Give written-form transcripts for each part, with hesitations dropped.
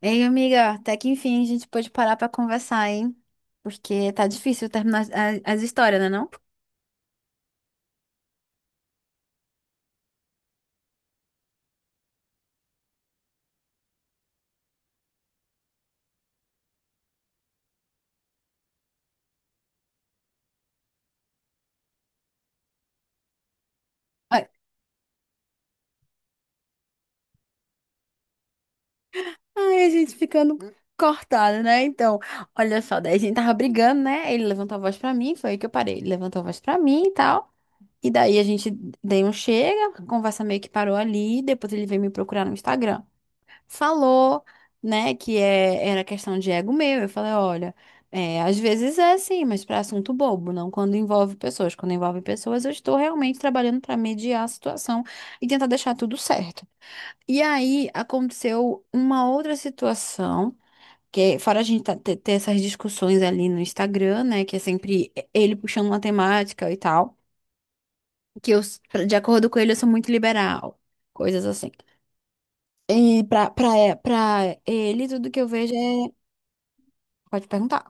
Ei, amiga, até que enfim a gente pôde parar pra conversar, hein? Porque tá difícil terminar as, as histórias, né não? Ai, ai, a gente ficando cortada, né? Então, olha só, daí a gente tava brigando, né? Ele levantou a voz pra mim, foi aí que eu parei. Ele levantou a voz pra mim e tal. E daí a gente deu um chega, a conversa meio que parou ali, depois ele veio me procurar no Instagram. Falou, né, que é, era questão de ego meu. Eu falei, olha, é, às vezes é assim, mas para assunto bobo, não quando envolve pessoas. Quando envolve pessoas, eu estou realmente trabalhando para mediar a situação e tentar deixar tudo certo. E aí aconteceu uma outra situação. Que, é, fora a gente ter essas discussões ali no Instagram, né? Que é sempre ele puxando uma temática e tal. Que eu, de acordo com ele, eu sou muito liberal. Coisas assim. E pra ele, tudo que eu vejo é. Pode perguntar.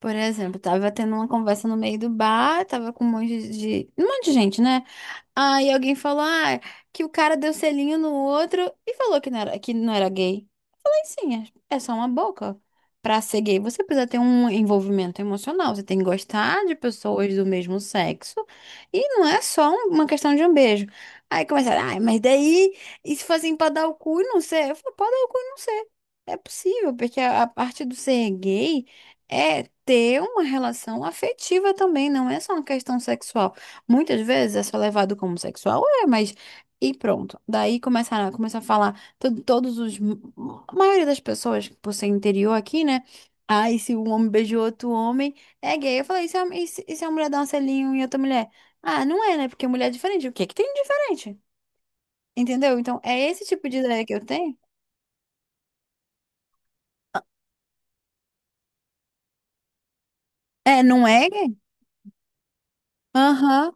Por exemplo, tava tendo uma conversa no meio do bar, tava com um monte de. Um monte de gente, né? Aí alguém falou, ah, que o cara deu selinho no outro e falou que não era gay. Falei sim. É é só uma boca. Pra ser gay, você precisa ter um envolvimento emocional. Você tem que gostar de pessoas do mesmo sexo. E não é só uma questão de um beijo. Aí começaram, ai, mas daí, e se for assim pra dar o cu e não ser? Eu falo, pode dar o cu e não ser. É possível, porque a parte do ser gay é ter uma relação afetiva também, não é só uma questão sexual. Muitas vezes é só levado como sexual, é, mas. E pronto. Daí começaram, começou a falar todos os. A maioria das pessoas, por ser interior aqui, né? Ai, se um homem beijou outro homem, é gay. Eu falei, e se a mulher dá um selinho em outra mulher? Ah, não é, né? Porque mulher é diferente. O que que tem de diferente? Entendeu? Então, é esse tipo de ideia que eu tenho. É, não é gay? Aham.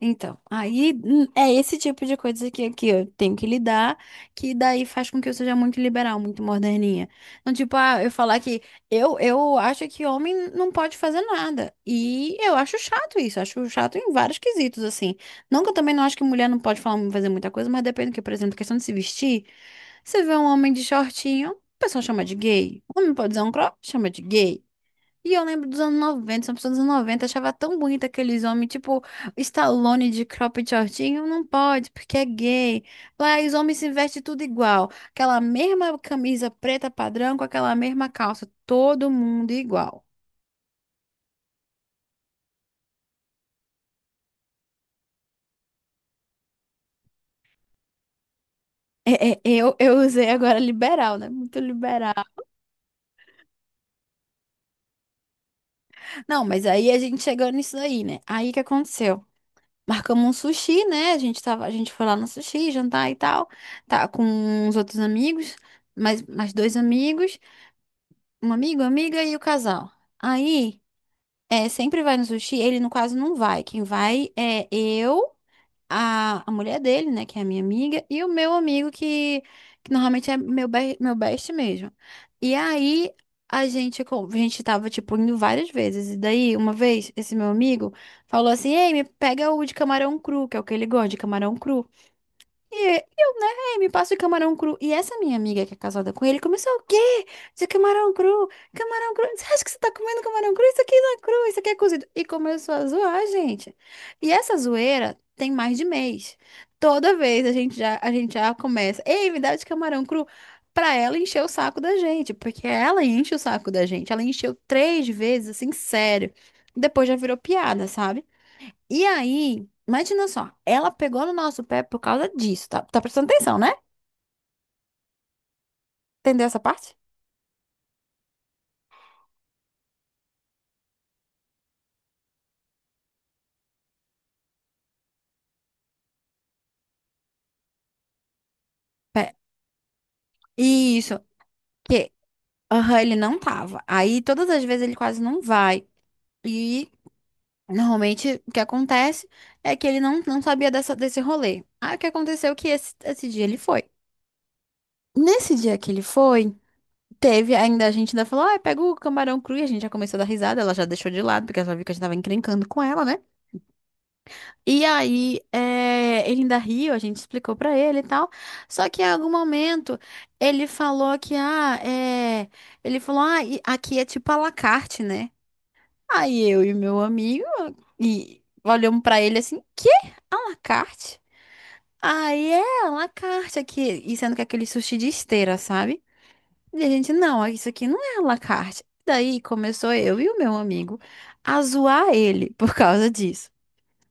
Então, aí é esse tipo de coisa que eu tenho que lidar, que daí faz com que eu seja muito liberal, muito moderninha. Então, tipo, ah, eu falar que eu acho que homem não pode fazer nada. E eu acho chato isso, acho chato em vários quesitos, assim. Não que eu também não acho que mulher não pode falar, fazer muita coisa, mas depende do que, por exemplo, questão de se vestir. Você vê um homem de shortinho, o pessoal chama de gay. O homem pode usar um crop, chama de gay. E eu lembro dos anos 90, são pessoas dos anos 90 achava tão bonito aqueles homens, tipo Stallone de cropped shortinho, não pode, porque é gay. Lá os homens se vestem tudo igual, aquela mesma camisa preta padrão com aquela mesma calça, todo mundo igual. Eu usei agora liberal, né? Muito liberal. Não, mas aí a gente chegou nisso aí, né? Aí que aconteceu? Marcamos um sushi, né? A gente tava, a gente foi lá no sushi, jantar e tal, tá com uns outros amigos, mais dois amigos. Um amigo, amiga e o casal. Aí, é, sempre vai no sushi, ele no caso não vai. Quem vai é eu, a mulher dele, né, que é a minha amiga, e o meu amigo, que normalmente é meu, meu best mesmo. E aí, a gente, a gente tava, tipo, indo várias vezes. E daí, uma vez, esse meu amigo falou assim: Ei, me pega o de camarão cru, que é o que ele gosta, de camarão cru. E eu, né, "Ei, me passa o camarão cru. E essa minha amiga que é casada com ele começou o quê? Isso é camarão cru, camarão cru. Você acha que você tá comendo camarão cru? Isso aqui não é cru, isso aqui é cozido. E começou a zoar, gente. E essa zoeira tem mais de mês. Toda vez a gente já começa, ei, me dá de camarão cru. Pra ela encher o saco da gente, porque ela enche o saco da gente. Ela encheu três vezes, assim, sério. Depois já virou piada, sabe? E aí, imagina só, ela pegou no nosso pé por causa disso, tá? Tá prestando atenção, né? Entendeu essa parte? Pé. Isso, que aham, ele não tava. Aí todas as vezes ele quase não vai. E normalmente o que acontece é que ele não sabia desse rolê. Aí o que aconteceu é que esse dia ele foi. Nesse dia que ele foi, teve ainda a gente ainda falou, ah, pega o camarão cru e a gente já começou a dar risada, ela já deixou de lado, porque ela já viu que a gente tava encrencando com ela, né? E aí, ele ainda riu, a gente explicou pra ele e tal. Só que em algum momento ele falou que, ah, é. Ele falou, ah, e aqui é tipo à la carte, né? Aí eu e meu amigo e olhamos pra ele assim, que à la carte? Aí é à la carte aqui. E sendo que é aquele sushi de esteira, sabe? E a gente, não, isso aqui não é à la carte. Daí começou eu e o meu amigo a zoar ele por causa disso.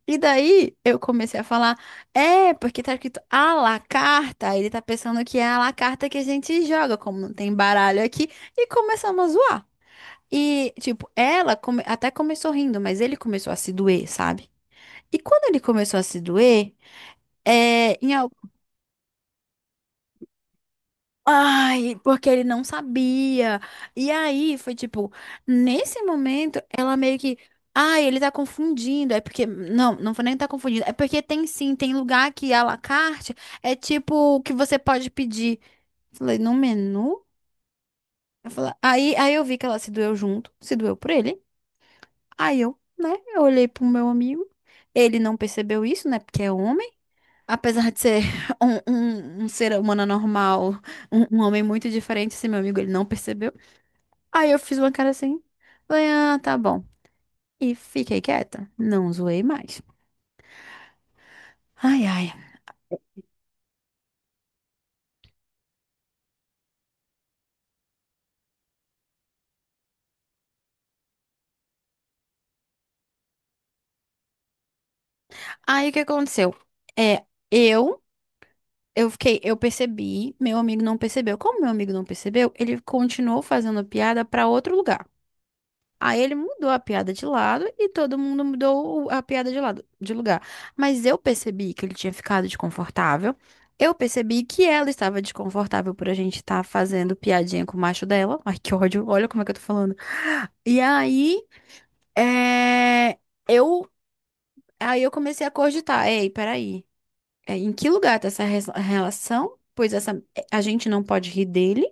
E daí eu comecei a falar, é, porque tá escrito à la carta, aí ele tá pensando que é à la carta que a gente joga, como não tem baralho aqui, e começamos a zoar. E, tipo, até começou rindo, mas ele começou a se doer, sabe? E quando ele começou a se doer, é. Ai, porque ele não sabia. E aí foi tipo, nesse momento, ela meio que. Ai, ele tá confundindo. É porque. Não, não foi nem que tá confundindo. É porque tem sim, tem lugar que à la carte é tipo o que você pode pedir. Falei, no menu? Eu falei, aí eu vi que ela se doeu junto, se doeu por ele. Aí eu, né, eu olhei pro meu amigo. Ele não percebeu isso, né, porque é homem. Apesar de ser um, um ser humano normal. Um homem muito diferente, esse meu amigo, ele não percebeu. Aí eu fiz uma cara assim, falei, ah, tá bom. E fiquei quieta, não zoei mais. Ai, ai. Aí o que aconteceu? É, eu, eu fiquei, eu percebi, meu amigo não percebeu. Como meu amigo não percebeu, ele continuou fazendo piada pra outro lugar. Aí ele mudou a piada de lado e todo mundo mudou a piada de lado, de lugar. Mas eu percebi que ele tinha ficado desconfortável. Eu percebi que ela estava desconfortável por a gente estar fazendo piadinha com o macho dela. Ai, que ódio. Olha como é que eu tô falando. E aí, é, eu, aí eu comecei a cogitar. Ei, peraí. Em que lugar tá essa relação? Pois essa, a gente não pode rir dele.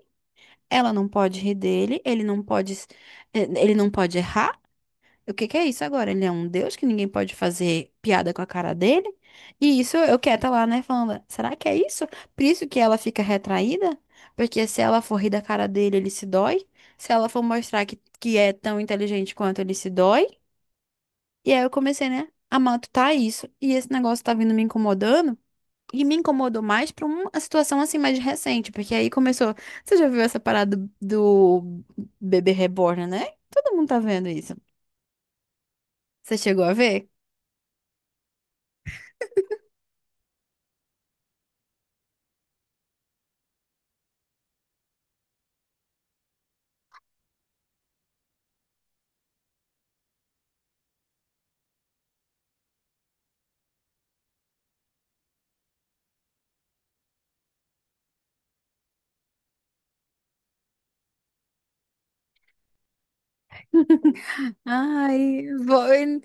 Ela não pode rir dele. Ele não ele não pode errar. O que que é isso agora? Ele é um deus que ninguém pode fazer piada com a cara dele? E isso eu quieta lá, né? Falando, será que é isso? Por isso que ela fica retraída? Porque se ela for rir da cara dele, ele se dói. Se ela for mostrar que é tão inteligente quanto ele se dói. E aí eu comecei, né? A matutar isso. E esse negócio tá vindo me incomodando. E me incomodou mais pra uma situação assim mais recente. Porque aí começou. Você já viu essa parada do bebê reborn, né? Todo mundo tá vendo isso. Você chegou a ver? Ai, vou...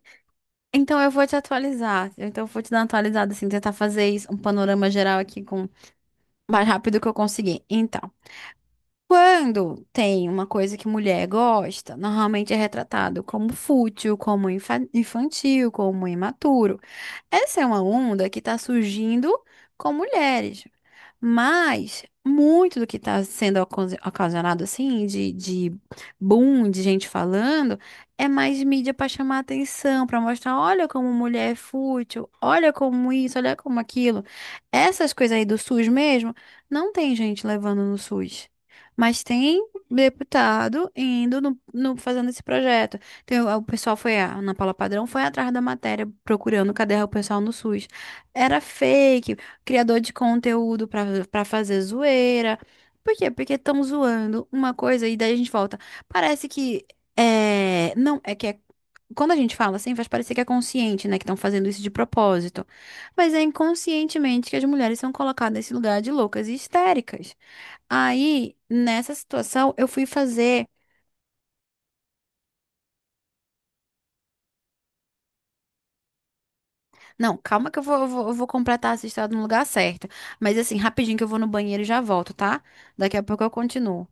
Então eu vou te atualizar. Então eu vou te dar uma atualizada, assim, tentar fazer isso, um panorama geral aqui com o mais rápido que eu conseguir. Então. Quando tem uma coisa que mulher gosta, normalmente é retratado como fútil, como infantil, como imaturo. Essa é uma onda que está surgindo com mulheres, mas muito do que está sendo ocasionado assim, de boom, de gente falando, é mais mídia para chamar atenção, para mostrar, olha como mulher é fútil, olha como isso, olha como aquilo. Essas coisas aí do SUS mesmo, não tem gente levando no SUS. Mas tem deputado indo fazendo esse projeto. Tem, o pessoal foi, a Ana Paula Padrão foi atrás da matéria, procurando cadê o pessoal no SUS. Era fake, criador de conteúdo pra para fazer zoeira. Por quê? Porque estão zoando uma coisa e daí a gente volta. Parece que é, não, é que é, quando a gente fala assim, faz parecer que é consciente, né, que estão fazendo isso de propósito. Mas é inconscientemente que as mulheres são colocadas nesse lugar de loucas e histéricas. Aí, nessa situação, eu fui fazer. Não, calma que eu vou completar essa história no lugar certo. Mas assim, rapidinho que eu vou no banheiro e já volto, tá? Daqui a pouco eu continuo.